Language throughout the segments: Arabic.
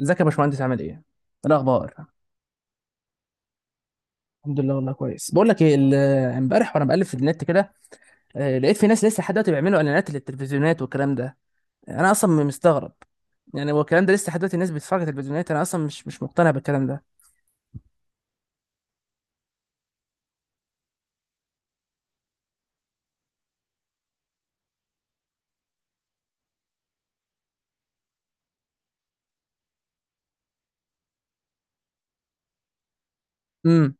ازيك يا باشمهندس؟ عامل ايه؟ إيه الاخبار؟ الحمد لله والله كويس. بقول لك ايه، امبارح وانا بقلب في النت كده، آه، لقيت في ناس لسه لحد دلوقتي بيعملوا اعلانات للتلفزيونات والكلام ده. انا اصلا مستغرب، يعني هو الكلام ده لسه لحد دلوقتي الناس بتتفرج على التلفزيونات؟ انا اصلا مش مقتنع بالكلام ده. امم.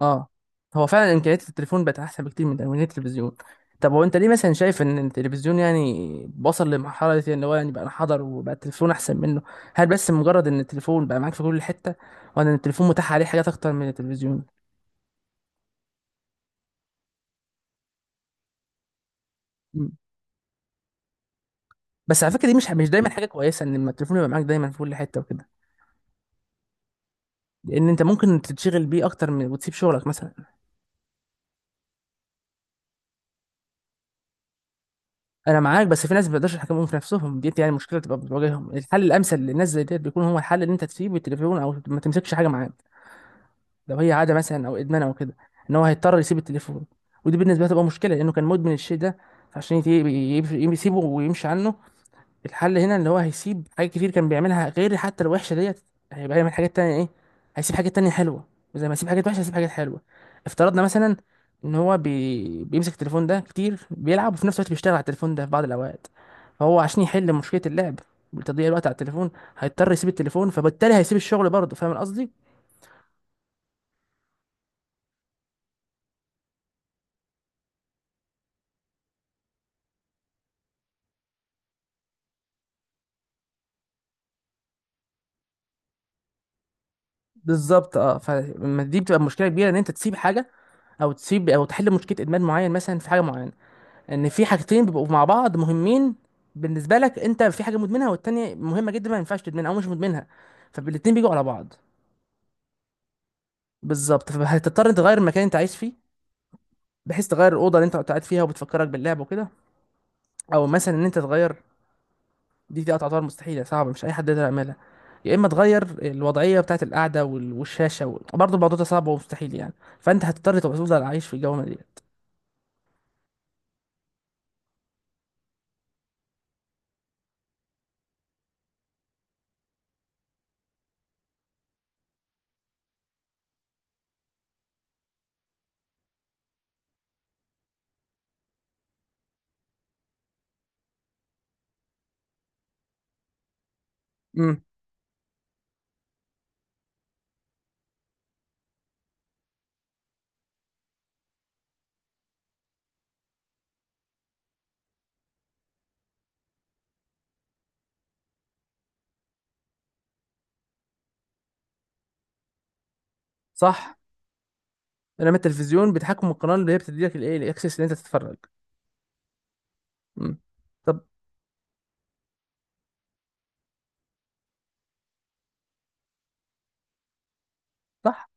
اه، هو فعلا امكانيات التليفون بقت احسن بكتير من امكانيات التلفزيون. طب هو انت ليه مثلا شايف ان التلفزيون يعني وصل لمرحله دي، ان هو يعني بقى انحدر وبقى التلفزيون احسن منه؟ هل بس مجرد ان التليفون بقى معاك في كل حته، ولا ان التليفون متاح عليه حاجات اكتر من التلفزيون؟ بس على فكره دي مش دايما حاجه كويسه ان لما التليفون يبقى معاك دايما في كل حته وكده. لان انت ممكن تتشغل بيه اكتر من وتسيب شغلك مثلا. انا معاك، بس في ناس ما بيقدرش يحكموا في نفسهم، دي يعني مشكله تبقى بتواجههم. الحل الامثل للناس زي ديت بيكون هو الحل ان انت تسيب التليفون او ما تمسكش حاجه معاك، لو هي عاده مثلا او ادمان او كده. ان هو هيضطر يسيب التليفون. ودي بالنسبه له تبقى مشكله لانه كان مدمن الشيء ده. فعشان يسيبه ويمشي عنه، الحل هنا اللي هو هيسيب حاجات كتير كان بيعملها غير حتى الوحشه ديت. هيبقى يعمل حاجات تانية ايه؟ هيسيب حاجات تانية حلوه. زي ما يسيب حاجات وحشه، هيسيب حاجات حلوه. افترضنا مثلا ان هو بيمسك التليفون ده كتير، بيلعب وفي نفس الوقت بيشتغل على التليفون ده في بعض الاوقات. فهو عشان يحل مشكله اللعب وتضييع الوقت على التليفون، هيضطر يسيب التليفون، فبالتالي هيسيب الشغل برضه. فاهم قصدي؟ بالظبط. اه، فدي بتبقى مشكله كبيره، ان انت تسيب حاجه، او تسيب، او تحل مشكله ادمان معين مثلا في حاجه معينه. ان في حاجتين بيبقوا مع بعض مهمين بالنسبه لك، انت في حاجه مدمنها والتانيه مهمه جدا ما ينفعش تدمنها او مش مدمنها، فالاتنين بيجوا على بعض. بالظبط، فهتضطر انت تغير المكان اللي انت عايش فيه، بحيث تغير الاوضه اللي انت قاعد فيها وبتفكرك باللعب وكده. او مثلا ان انت تغير، دي تعتبر مستحيله، صعبه، مش اي حد يقدر يعملها. يا اما تغير الوضعيه بتاعه القعده والشاشه، و... برضه الموضوع ده صعب ومستحيل يعني، فانت هتضطر تبقى تفضل عايش في الجو ديت. امم. صح. لما التلفزيون بتحكم القناه اللي هي بتديلك الايه الاكسس اللي انت تتفرج. امم. طب. صح.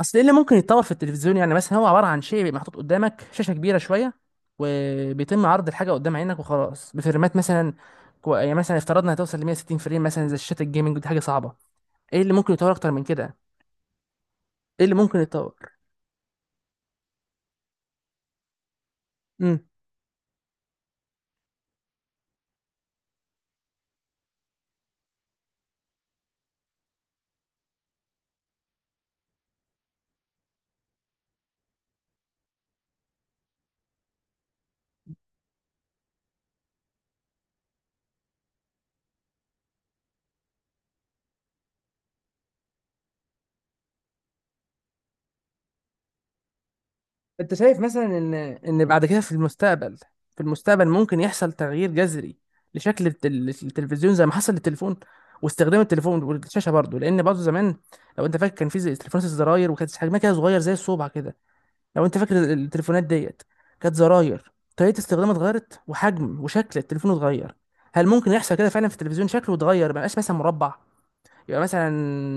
اصل ايه اللي ممكن يتطور في التلفزيون؟ يعني مثلا هو عباره عن شيء بيبقى محطوط قدامك، شاشه كبيره شويه وبيتم عرض الحاجه قدام عينك وخلاص، بفريمات مثلا. يعني مثلا افترضنا هتوصل ل 160 فريم مثلا زي شاشات الجيمنج، ودي حاجه صعبه. ايه اللي ممكن يتطور اكتر من كده؟ ايه اللي ممكن يتطور؟ امم. انت شايف مثلا ان بعد كده في المستقبل، في المستقبل ممكن يحصل تغيير جذري لشكل التلفزيون زي ما حصل للتليفون، واستخدام التليفون والشاشه برضه؟ لان برضه زمان، لو انت فاكر، كان في تليفونات الزراير، وكانت حجمها كده صغير زي الصبع كده، لو انت فاكر التليفونات ديت. كانت زراير، طريقه استخدامها اتغيرت وحجم وشكل التليفون اتغير. هل ممكن يحصل كده فعلا في التلفزيون؟ شكله اتغير ما يبقاش مثلا مربع، يبقى مثلا،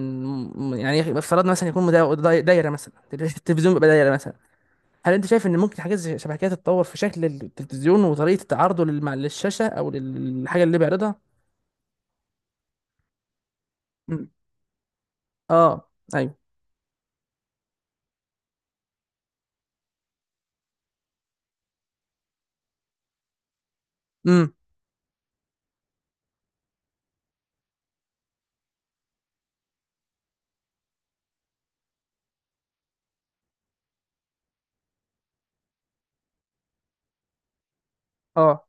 افترضنا مثلا يكون دايره مثلا التلفزيون بيبقى دايره مثلا. هل انت شايف ان ممكن حاجات شبه كده تتطور في شكل التلفزيون وطريقه تعرضه للشاشه او للحاجه اللي بيعرضها؟ مم. اه. ايوه. امم. اه.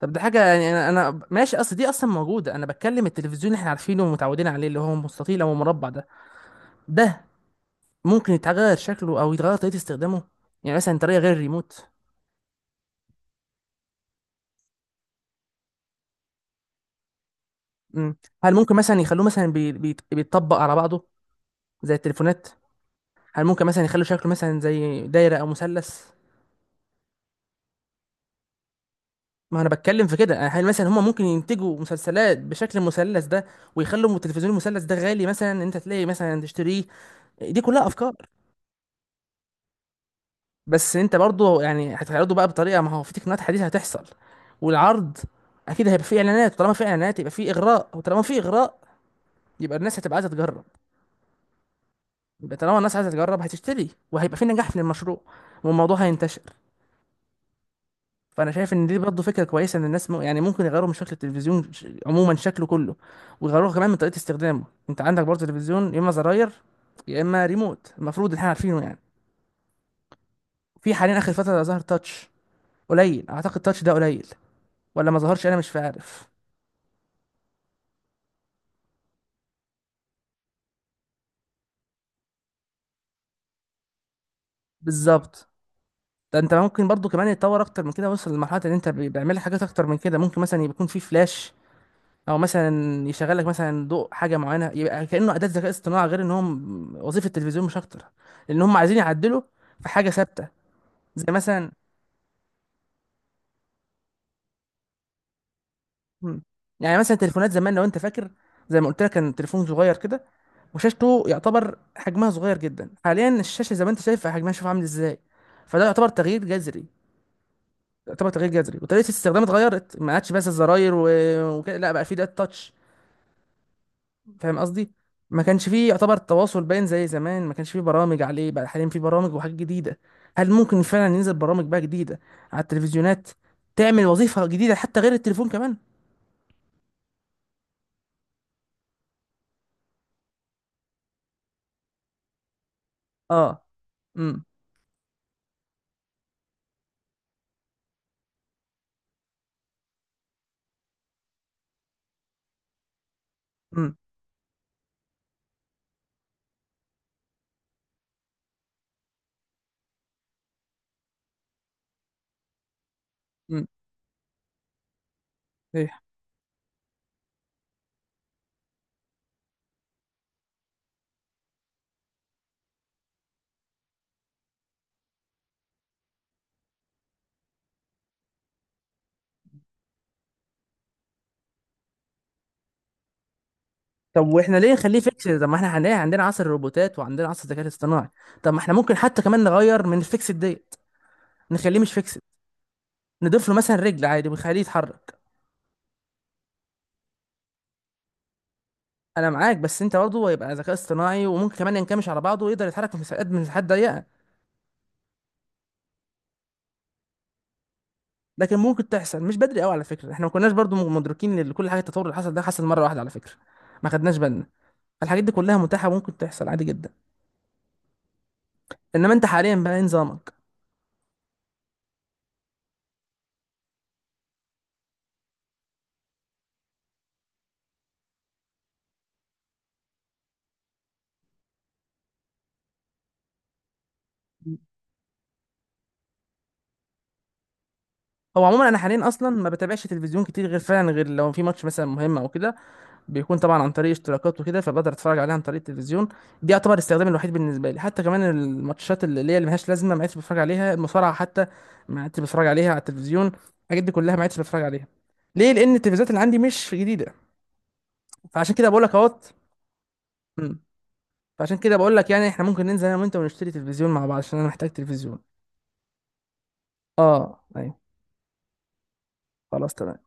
طب ده حاجه، يعني انا ماشي، اصل دي اصلا موجوده. انا بتكلم التلفزيون اللي احنا عارفينه ومتعودين عليه، اللي هو مستطيل او مربع ده، ده ممكن يتغير شكله او يتغير طريقه استخدامه؟ يعني مثلا طريقه غير الريموت. مم. هل ممكن مثلا يخلوه مثلا بيتطبق على بعضه زي التليفونات؟ هل ممكن مثلا يخلوا شكله مثلا زي دايره او مثلث؟ ما انا بتكلم في كده، هل مثلا هما ممكن ينتجوا مسلسلات بشكل المثلث ده، ويخلوا التلفزيون المثلث ده غالي مثلا ان انت تلاقي مثلا تشتريه؟ دي كلها افكار. بس انت برضه يعني هتعرضه بقى بطريقه، ما هو في تقنيات حديثه هتحصل. والعرض اكيد هيبقى فيه اعلانات، طالما في اعلانات يبقى فيه اغراء، وطالما في اغراء يبقى الناس هتبقى عايزه تجرب، يبقى طالما الناس عايزه تجرب هتشتري، وهيبقى في نجاح في المشروع، والموضوع هينتشر. فانا شايف ان دي برضه فكره كويسه، ان الناس يعني ممكن يغيروا من شكل التلفزيون، عموما شكله كله، ويغيروه كمان من طريقه استخدامه. انت عندك برضه تلفزيون يا اما زراير يا اما ريموت، المفروض ان احنا عارفينه يعني. في حاليا اخر فتره ظهر تاتش، قليل، اعتقد تاتش ده قليل، ولا ما ظهرش؟ انا مش عارف بالظبط. ده انت ممكن برضو كمان يتطور اكتر من كده، وصل لمرحله ان انت بيعمل لك حاجات اكتر من كده، ممكن مثلا يبقى يكون في فلاش، او مثلا يشغل لك مثلا ضوء حاجه معينه، يبقى كانه اداه ذكاء اصطناعي، غير ان هم وظيفه التلفزيون مش اكتر. لان هم عايزين يعدلوا في حاجه ثابته. زي مثلا، مم. يعني مثلا تليفونات زمان، لو انت فاكر، زي ما قلت لك، كان تليفون صغير كده، وشاشته يعتبر حجمها صغير جدا. حاليا الشاشه زي ما انت شايف حجمها، شوف عامل ازاي. فده يعتبر تغيير جذري، يعتبر تغيير جذري، وطريقه الاستخدام اتغيرت، ما عادش بس الزراير و... وكده، لا بقى في ده تاتش. فاهم قصدي؟ ما كانش فيه يعتبر التواصل باين زي زمان، ما كانش فيه برامج عليه، بقى حاليا فيه برامج وحاجات جديدة. هل ممكن فعلا ينزل برامج بقى جديدة على التلفزيونات تعمل وظيفة جديدة حتى غير التليفون كمان؟ اه. امم. امم. امم. صحيح. طب واحنا ليه نخليه فيكس؟ طب ما احنا هنلاقي عندنا عصر الروبوتات وعندنا عصر الذكاء الاصطناعي. طب ما احنا ممكن حتى كمان نغير من الفيكس ديت، نخليه مش فيكس، نضيف له مثلا رجل عادي ونخليه يتحرك. انا معاك، بس انت برضه هيبقى ذكاء اصطناعي وممكن كمان ينكمش على بعضه ويقدر يتحرك في مساحات من مساحات ضيقة. لكن ممكن تحصل، مش بدري قوي على فكره. احنا ما كناش برضو مدركين ان كل حاجه التطور اللي حصل ده حصل مره واحده على فكره، ما خدناش بالنا. الحاجات دي كلها متاحه، ممكن تحصل عادي جدا. انما انت حاليا بقى إيه نظامك؟ هو عموما انا حاليا اصلا ما بتابعش تلفزيون كتير، غير فعلا، غير لو في ماتش مثلا مهم او كده، بيكون طبعا عن طريق اشتراكات وكده فبقدر اتفرج عليها عن طريق التلفزيون. دي يعتبر الاستخدام الوحيد بالنسبه لي. حتى كمان الماتشات اللي هي اللي ملهاش لازمه ما عدتش بتفرج عليها، المصارعه حتى ما عدتش بتفرج عليها على التلفزيون، الحاجات دي كلها ما عدتش بتفرج عليها. ليه؟ لان التلفزيونات اللي عندي مش جديده، فعشان كده بقول لك اهوت. مم. فعشان كده بقول لك يعني احنا ممكن ننزل انا وانت ونشتري تلفزيون مع بعض عشان انا محتاج تلفزيون. اه ايوه. خلاص تمام.